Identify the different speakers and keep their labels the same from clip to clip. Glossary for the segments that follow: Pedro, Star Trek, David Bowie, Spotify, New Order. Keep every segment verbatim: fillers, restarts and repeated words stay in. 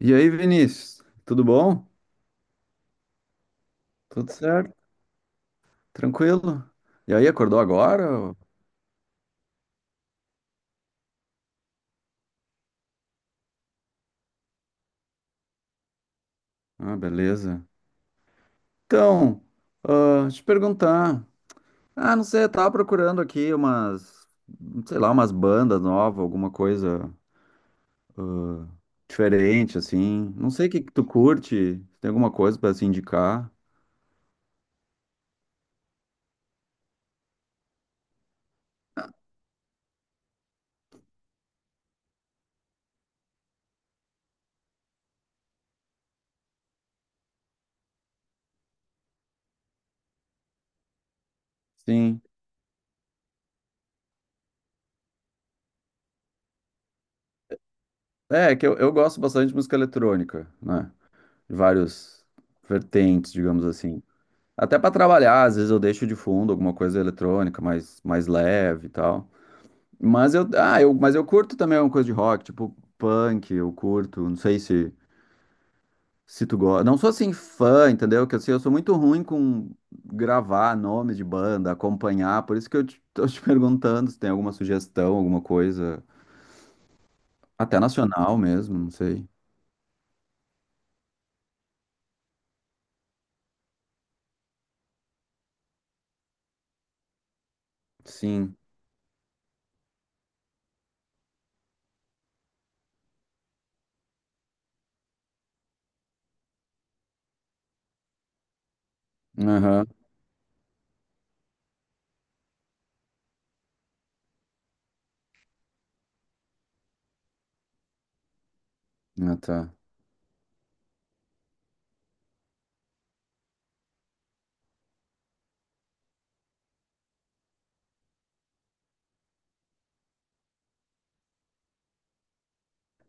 Speaker 1: E aí, Vinícius, tudo bom? Tudo certo? Tranquilo? E aí, acordou agora? ou- Ah, beleza. Então, ah, deixa eu te perguntar. Ah, não sei, eu tava procurando aqui umas, sei lá, umas bandas novas, alguma coisa diferente, assim. Não sei o que que tu curte, se tem alguma coisa pra se indicar. Sim. É, é que eu, eu gosto bastante de música eletrônica, né? De vários vertentes, digamos assim. Até para trabalhar, às vezes eu deixo de fundo alguma coisa eletrônica mais, mais leve e tal. Mas eu, ah, eu, mas eu curto também alguma coisa de rock, tipo punk, eu curto, não sei se, se tu gosta. Não sou assim fã, entendeu? Que assim, eu sou muito ruim com gravar nome de banda, acompanhar, por isso que eu te, tô te perguntando se tem alguma sugestão, alguma coisa, até nacional mesmo, não sei. Sim. Aham. Ah, tá.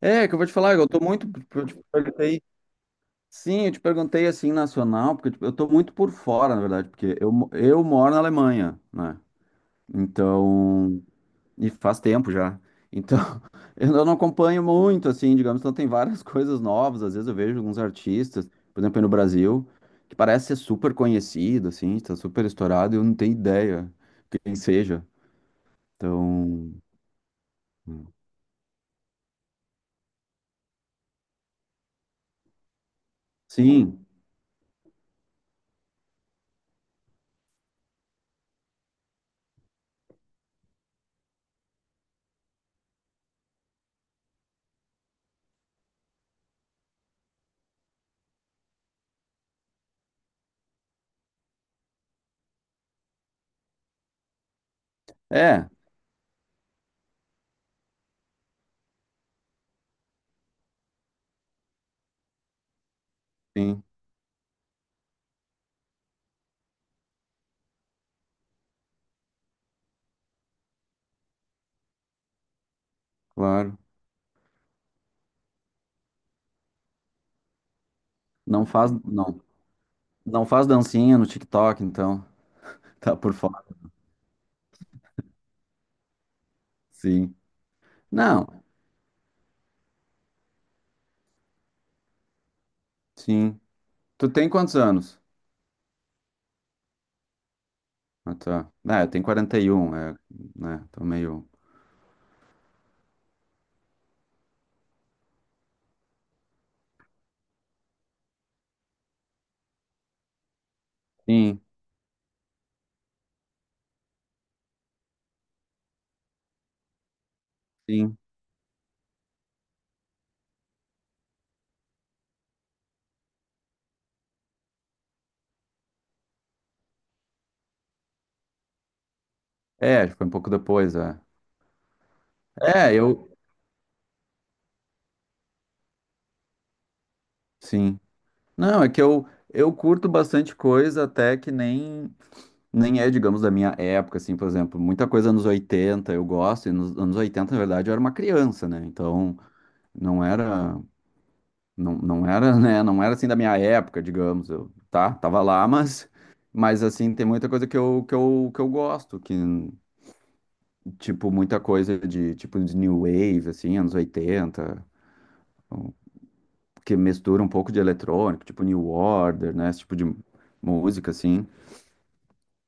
Speaker 1: É, que eu vou te falar, eu tô muito. Sim, eu te perguntei assim nacional, porque tipo, eu tô muito por fora, na verdade, porque eu, mo- eu moro na Alemanha, né? Então, e faz tempo já. Então, eu não acompanho muito, assim, digamos, então tem várias coisas novas. Às vezes eu vejo alguns artistas, por exemplo, aí no Brasil, que parece ser super conhecido, assim, está super estourado, e eu não tenho ideia quem seja. Então, sim, é, sim, claro. Não faz, não, não faz dancinha no TikTok, então, tá por fora. Sim. Não, sim. Tu tem quantos anos? Ah, tá. Ah, eu tenho quarenta e um, é, né? Tô meio. Sim, sim. É, foi um pouco depois, é. É, eu. Sim. Não, é que eu, eu curto bastante coisa, até que nem, nem é, digamos, da minha época, assim, por exemplo. Muita coisa nos oitenta eu gosto, e nos anos oitenta, na verdade, eu era uma criança, né? Então, não era. Não, não era, né? Não era assim da minha época, digamos. Eu, tá, tava lá, mas, mas assim, tem muita coisa que eu, que eu, que eu gosto, que, tipo, muita coisa de, tipo, de New Wave, assim, anos oitenta que mistura um pouco de eletrônico, tipo New Order, né? Esse tipo de música, assim.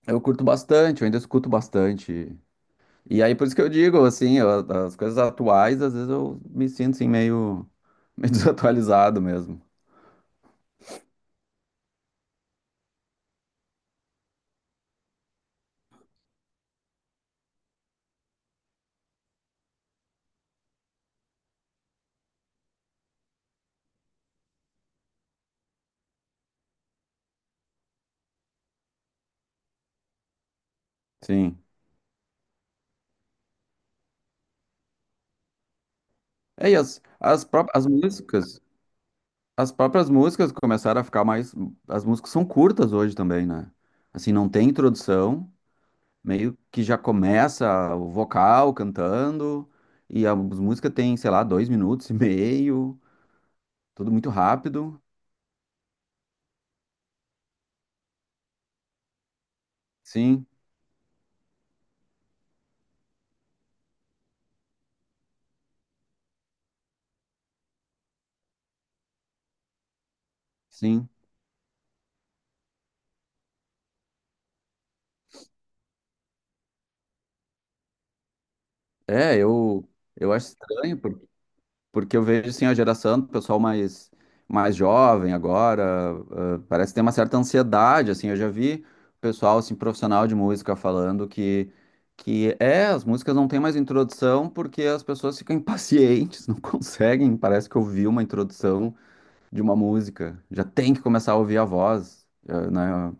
Speaker 1: Eu curto bastante, eu ainda escuto bastante. E aí, por isso que eu digo, assim, eu- as coisas atuais, às vezes eu me sinto, assim, meio, meio desatualizado mesmo. Sim. É, e as, as próprias as músicas. As próprias músicas começaram a ficar mais. As músicas são curtas hoje também, né? Assim, não tem introdução, meio que já começa o vocal cantando, e as músicas têm, sei lá, dois minutos e meio, tudo muito rápido. Sim, sim. É, eu, eu acho estranho. Porque eu vejo, assim, a geração do pessoal mais, mais jovem agora, ah, parece que tem uma certa ansiedade, assim, eu já vi pessoal, assim, profissional de música falando que, que é, as músicas não têm mais introdução porque as pessoas ficam impacientes, não conseguem, parece que ouvir uma introdução de uma música, já tem que começar a ouvir a voz, ah, né?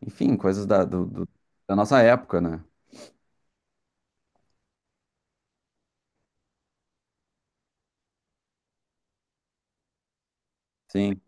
Speaker 1: Enfim, coisas da, do- do- da nossa época, né? Sim,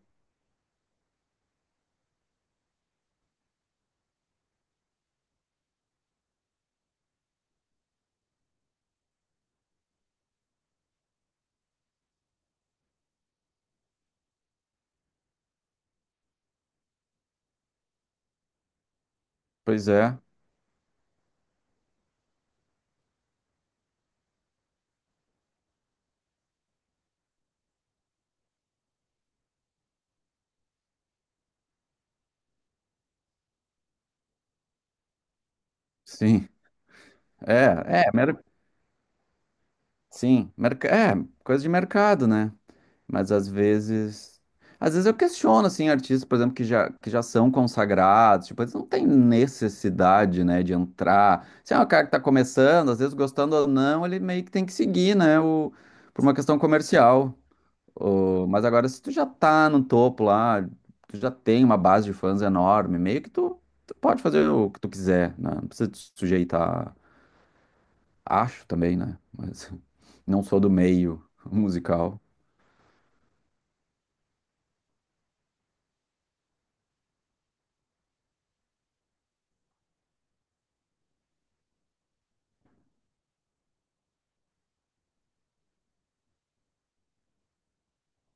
Speaker 1: pois é, sim, é, é, mer- sim, merca- é, coisa de mercado, né? Mas às vezes. Às vezes eu questiono, assim, artistas, por exemplo, que já, que já são consagrados, tipo, eles não têm necessidade, né, de entrar. Se é um cara que tá começando, às vezes gostando ou não, ele meio que tem que seguir, né, o, por uma questão comercial. O- mas agora, se tu já tá no topo lá, tu já tem uma base de fãs enorme, meio que tu, tu pode fazer o que tu quiser, né? Não precisa te sujeitar, acho também, né? Mas não sou do meio musical.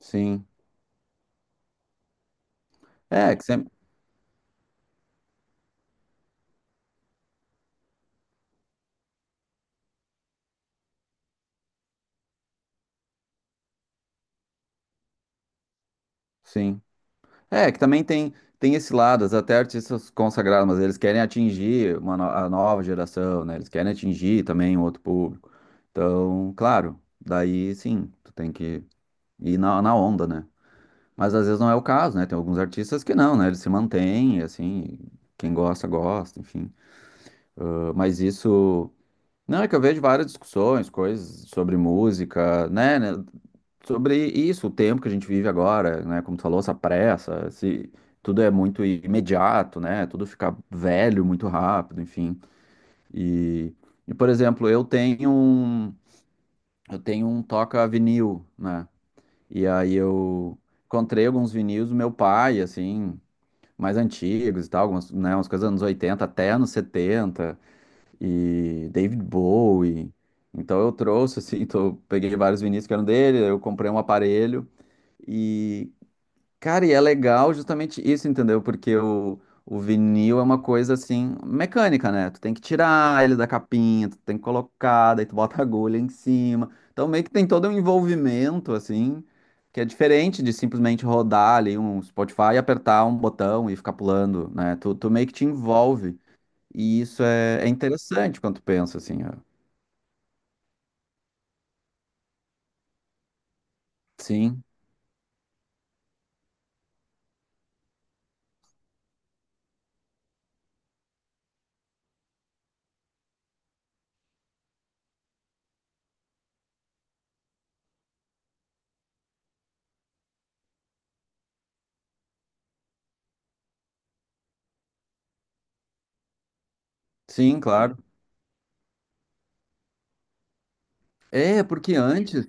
Speaker 1: Sim. É, que sempre. Sim. É, que também tem, tem esse lado, até artistas consagrados, mas eles querem atingir uma no- a nova geração, né? Eles querem atingir também um outro público. Então, claro, daí sim, tu tem que ir na, na onda, né? Mas às vezes não é o caso, né? Tem alguns artistas que não, né? Eles se mantêm, assim, quem gosta, gosta, enfim. Ah, mas isso. Não, é que eu vejo várias discussões, coisas sobre música, né, né, sobre isso, o tempo que a gente vive agora, né, como tu falou, essa pressa, se tudo é muito imediato, né, tudo fica velho muito rápido, enfim. E, e por exemplo, eu tenho um, eu tenho um toca vinil, né, e aí eu encontrei alguns vinis do meu pai, assim, mais antigos e tal, algumas, né, umas coisas dos anos oitenta até anos setenta e David Bowie. Então eu trouxe, assim, então eu peguei vários vinis que eram dele, eu comprei um aparelho e, cara, e é legal justamente isso, entendeu? Porque o, o vinil é uma coisa, assim, mecânica, né? Tu tem que tirar ele da capinha, tu tem que colocar, daí tu bota a agulha em cima. Então meio que tem todo um envolvimento, assim, que é diferente de simplesmente rodar ali um Spotify e apertar um botão e ficar pulando, né? Tu, tu meio que te envolve. E isso é, é interessante quando tu pensa assim, ó. Sim, sim, claro. É, porque antes,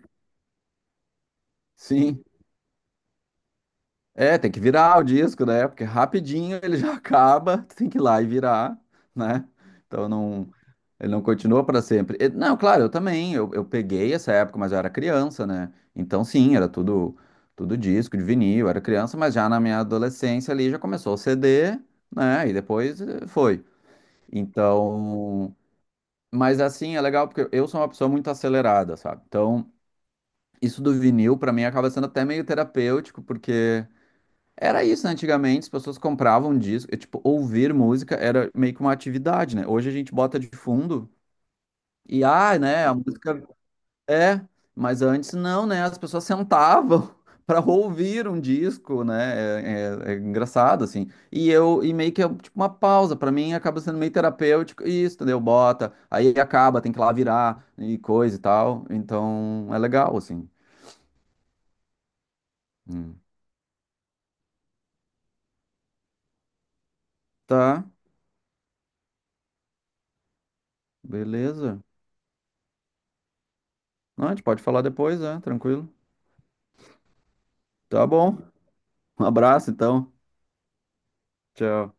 Speaker 1: sim. É, tem que virar o disco, né? Porque rapidinho ele já acaba, tu tem que ir lá e virar, né? Então não, ele não continua para sempre. E- não, claro, eu também, eu, eu peguei essa época, mas eu era criança, né? Então sim, era tudo tudo disco de vinil, eu era criança, mas já na minha adolescência ali já começou o C D, né? E depois eh, foi. Então, mas assim, é legal porque eu sou uma pessoa muito acelerada, sabe? Então, isso do vinil pra mim acaba sendo até meio terapêutico, porque era isso, né? Antigamente as pessoas compravam disco, e, tipo, ouvir música era meio que uma atividade, né? Hoje a gente bota de fundo e ah, né, a música é, mas antes não, né? As pessoas sentavam para ouvir um disco, né? É, é- é engraçado assim. E eu e meio que é tipo uma pausa para mim acaba sendo meio terapêutico e isso, entendeu? Bota, aí acaba, tem que ir lá virar e coisa e tal. Então é legal assim. Hum. Tá, beleza. Não, a gente pode falar depois, né? Tranquilo. Tá bom. Um abraço então. Tchau.